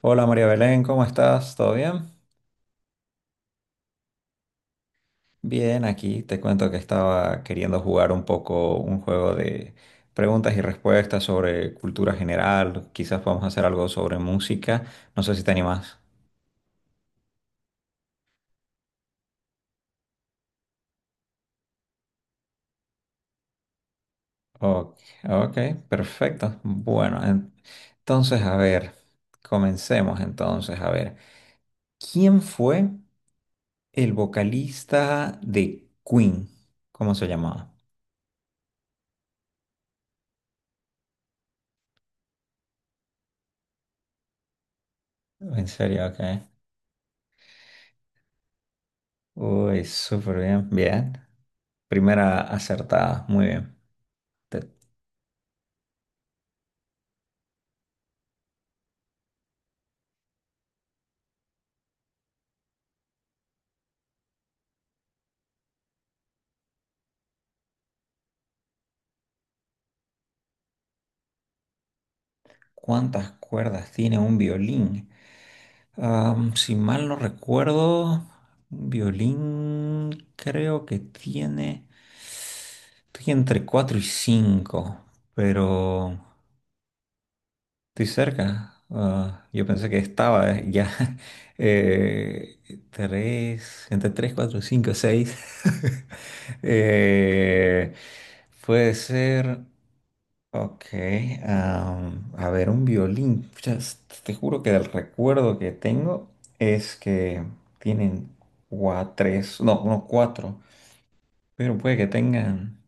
Hola María Belén, ¿cómo estás? ¿Todo bien? Bien, aquí te cuento que estaba queriendo jugar un poco un juego de preguntas y respuestas sobre cultura general. Quizás podamos hacer algo sobre música. No sé si te animas. Ok, ok, perfecto. Bueno, entonces a ver, comencemos entonces a ver. ¿Quién fue el vocalista de Queen? ¿Cómo se llamaba? En serio, ok. Uy, súper bien, bien. Primera acertada, muy bien. Te- ¿Cuántas cuerdas tiene un violín? Si mal no recuerdo, un violín creo que tiene, estoy entre 4 y 5, pero... Estoy cerca. Ah, yo pensé que estaba ya. Eh, tres, entre tres, cuatro, cinco, seis. Eh, puede ser. Ok. A ver, un violín. Pucha, te juro que el recuerdo que tengo es que tienen cuatro, tres, no, no, cuatro. Pero puede que tengan.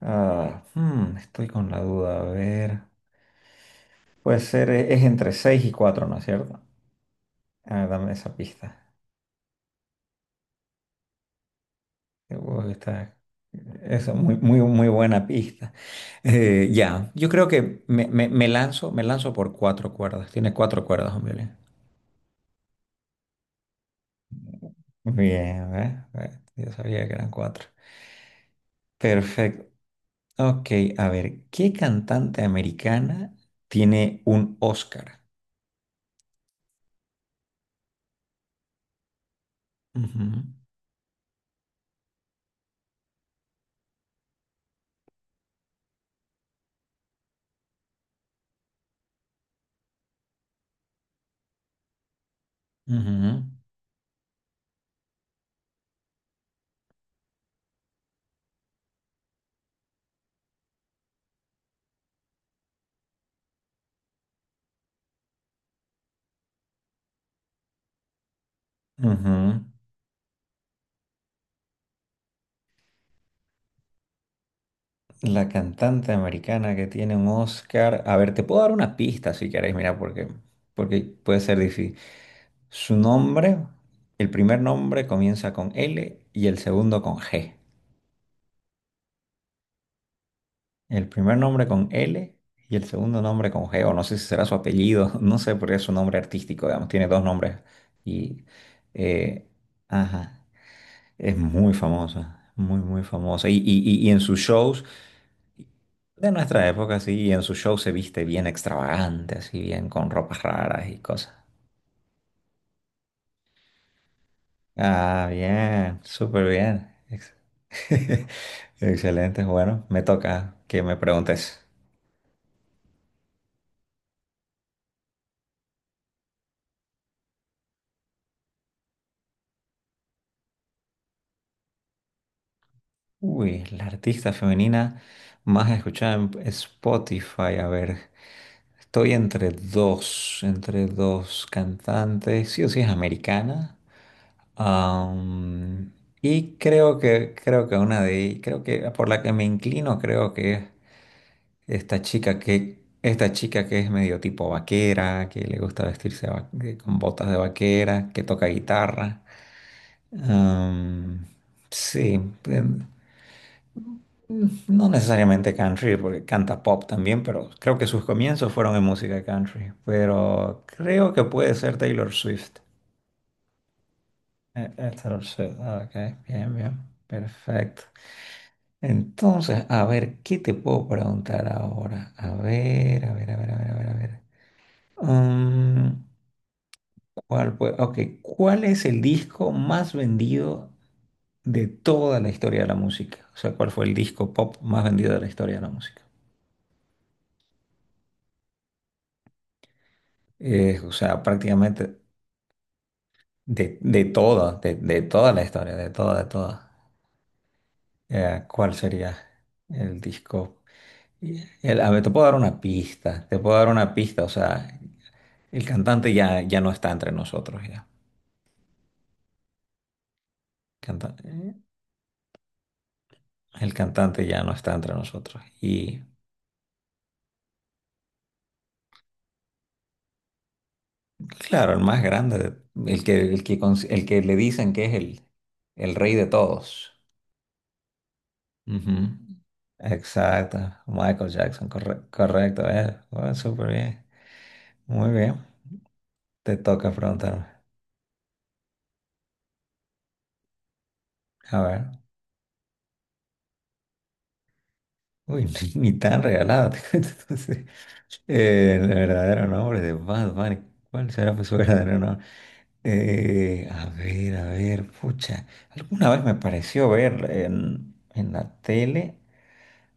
Ah, hmm, estoy con la duda. A ver. Puede ser, es entre seis y cuatro, ¿no es cierto? Ah, dame esa pista. Uy, está- Eso, muy, muy, muy buena pista. Ya, yo creo que me lanzo por cuatro cuerdas. Tiene cuatro cuerdas, hombre. Bien, ¿eh? Yo sabía que eran cuatro. Perfecto. Ok, a ver, ¿qué cantante americana tiene un Oscar? Ujú, ujú, ujú. La cantante americana que tiene un Oscar. A ver, te puedo dar una pista si querés, mira, porque, porque puede ser difícil. Su nombre, el primer nombre comienza con L y el segundo con G. El primer nombre con L y el segundo nombre con G, o no sé si será su apellido, no sé por qué es su nombre artístico, digamos, tiene dos nombres. Y, eh, ajá, es muy famosa, muy, muy famosa. Y, y en sus shows, de nuestra época, sí, y en sus shows se viste bien extravagante, así bien con ropas raras y cosas. Ah, bien, súper bien. Excelente, bueno, me toca que me preguntes. Uy, la artista femenina más escuchada en Spotify. A ver, estoy entre dos cantantes. Sí o sí es americana. Am, y creo que una de, creo que por la que me inclino, creo que es esta chica que es medio tipo vaquera, que le gusta vestirse con botas de vaquera, que toca guitarra. Am, sí, em, no necesariamente country, porque canta pop también, pero creo que sus comienzos fueron en música country. Pero creo que puede ser Taylor Swift. Taylor Swift, ah, ok, bien, bien, perfecto. Entonces, a ver, ¿qué te puedo preguntar ahora? A ver, a ver, a ver, a ver, a ver, a ver. Mm, ok, ¿cuál es el disco más vendido de toda la historia de la música? O sea, ¿cuál fue el disco pop más vendido de la historia de la música? O sea, prácticamente de toda la historia, de toda, de toda. ¿Cuál sería el disco? A ver, te puedo dar una pista, te puedo dar una pista. O sea, el cantante ya, ya no está entre nosotros, ya. Canta- eh, el cantante ya no está entre nosotros. Y claro, el más grande, el que, el que, el que le dicen que es el rey de todos. Ujú. Exacto, Michael Jackson, correcto, eh. Bueno, súper bien, muy bien, te toca preguntarme, a ver, uy, ni, ni tan regalado. Entonces, el verdadero nombre de Bad Bunny, ¿cuál será pues, su verdadero nombre? A ver, pucha, alguna vez me pareció ver en la tele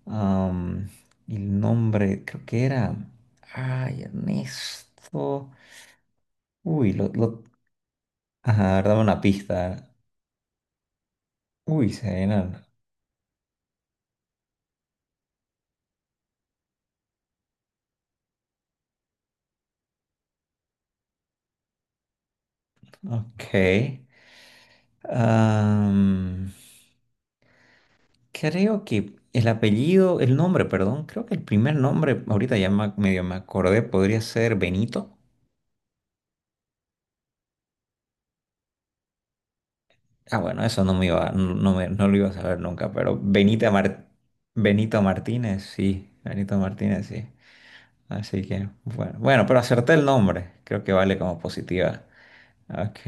am, el nombre, creo que era, ay, Ernesto, uy, lo ajá, a ver, dame una pista. Uy, se vienen. Ok. Am, creo que el apellido, el nombre, perdón, creo que el primer nombre, ahorita medio me acordé, podría ser Benito. Ah, bueno, eso no me iba, no, no lo iba a saber nunca, pero Benito Martínez, sí, Benito Martínez, sí. Así que, bueno, bueno, pero acerté el nombre, creo que vale como positiva. Ok.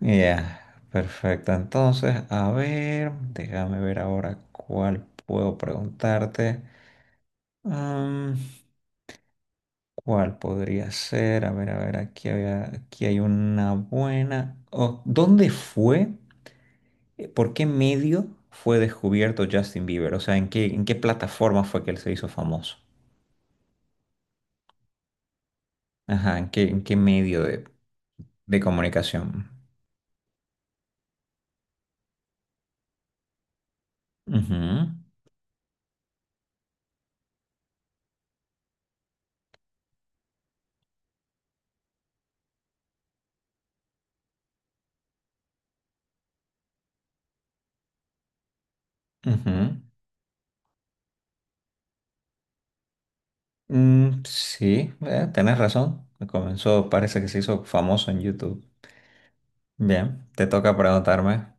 Ya, perfecto. Entonces, a ver, déjame ver ahora cuál puedo preguntarte. Mm, ¿cuál podría ser? A ver, aquí había, aquí hay una buena. Oh, ¿dónde fue? ¿Por qué medio fue descubierto Justin Bieber? O sea, en qué plataforma fue que él se hizo famoso? Ajá, en qué medio de comunicación? Ujú, ujú. Mm, sí, tenés razón. Comenzó, parece que se hizo famoso en YouTube. Bien, te toca preguntarme.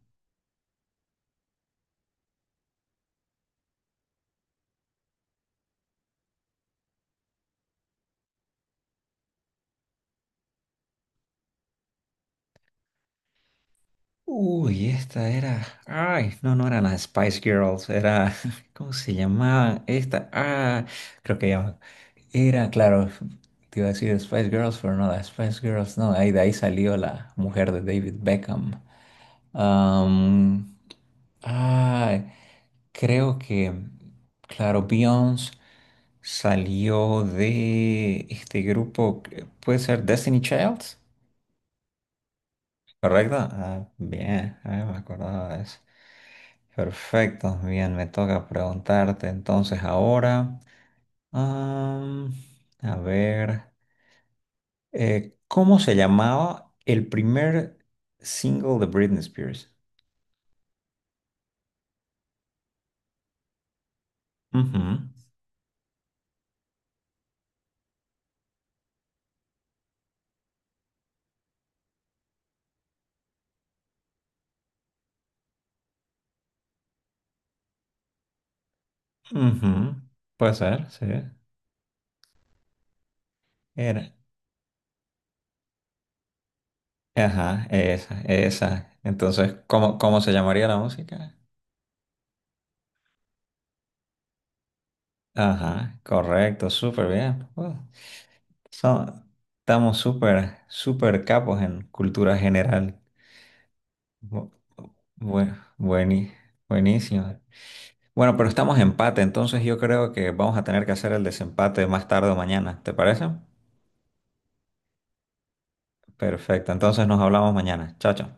Uy, esta era. Ay, no, no eran las Spice Girls, era. ¿Cómo se llamaban? Esta. Ah, creo que llaman. Era, claro, te iba a decir Spice Girls, pero no, las Spice Girls, no. Ahí, de ahí salió la mujer de David Beckham. Am, ah, creo que. Claro, Beyoncé. Salió de este grupo, puede ser Destiny Child, ¿correcto? Ah, bien, ah, me acordaba de eso. Perfecto, bien, me toca preguntarte entonces ahora. am, a ver, ¿cómo se llamaba el primer single de Britney Spears? Ujú, ujú, puede ser, sí. Era. Ajá, esa, esa. Entonces, ¿cómo, cómo se llamaría la música? Ajá, correcto, súper bien. Pues, son- estamos súper, súper capos en cultura general. Bu- bu- bueni- buenísimo. Bueno, pero estamos empate, entonces yo creo que vamos a tener que hacer el desempate más tarde o mañana, ¿te parece? Perfecto, entonces nos hablamos mañana. Chao, chao.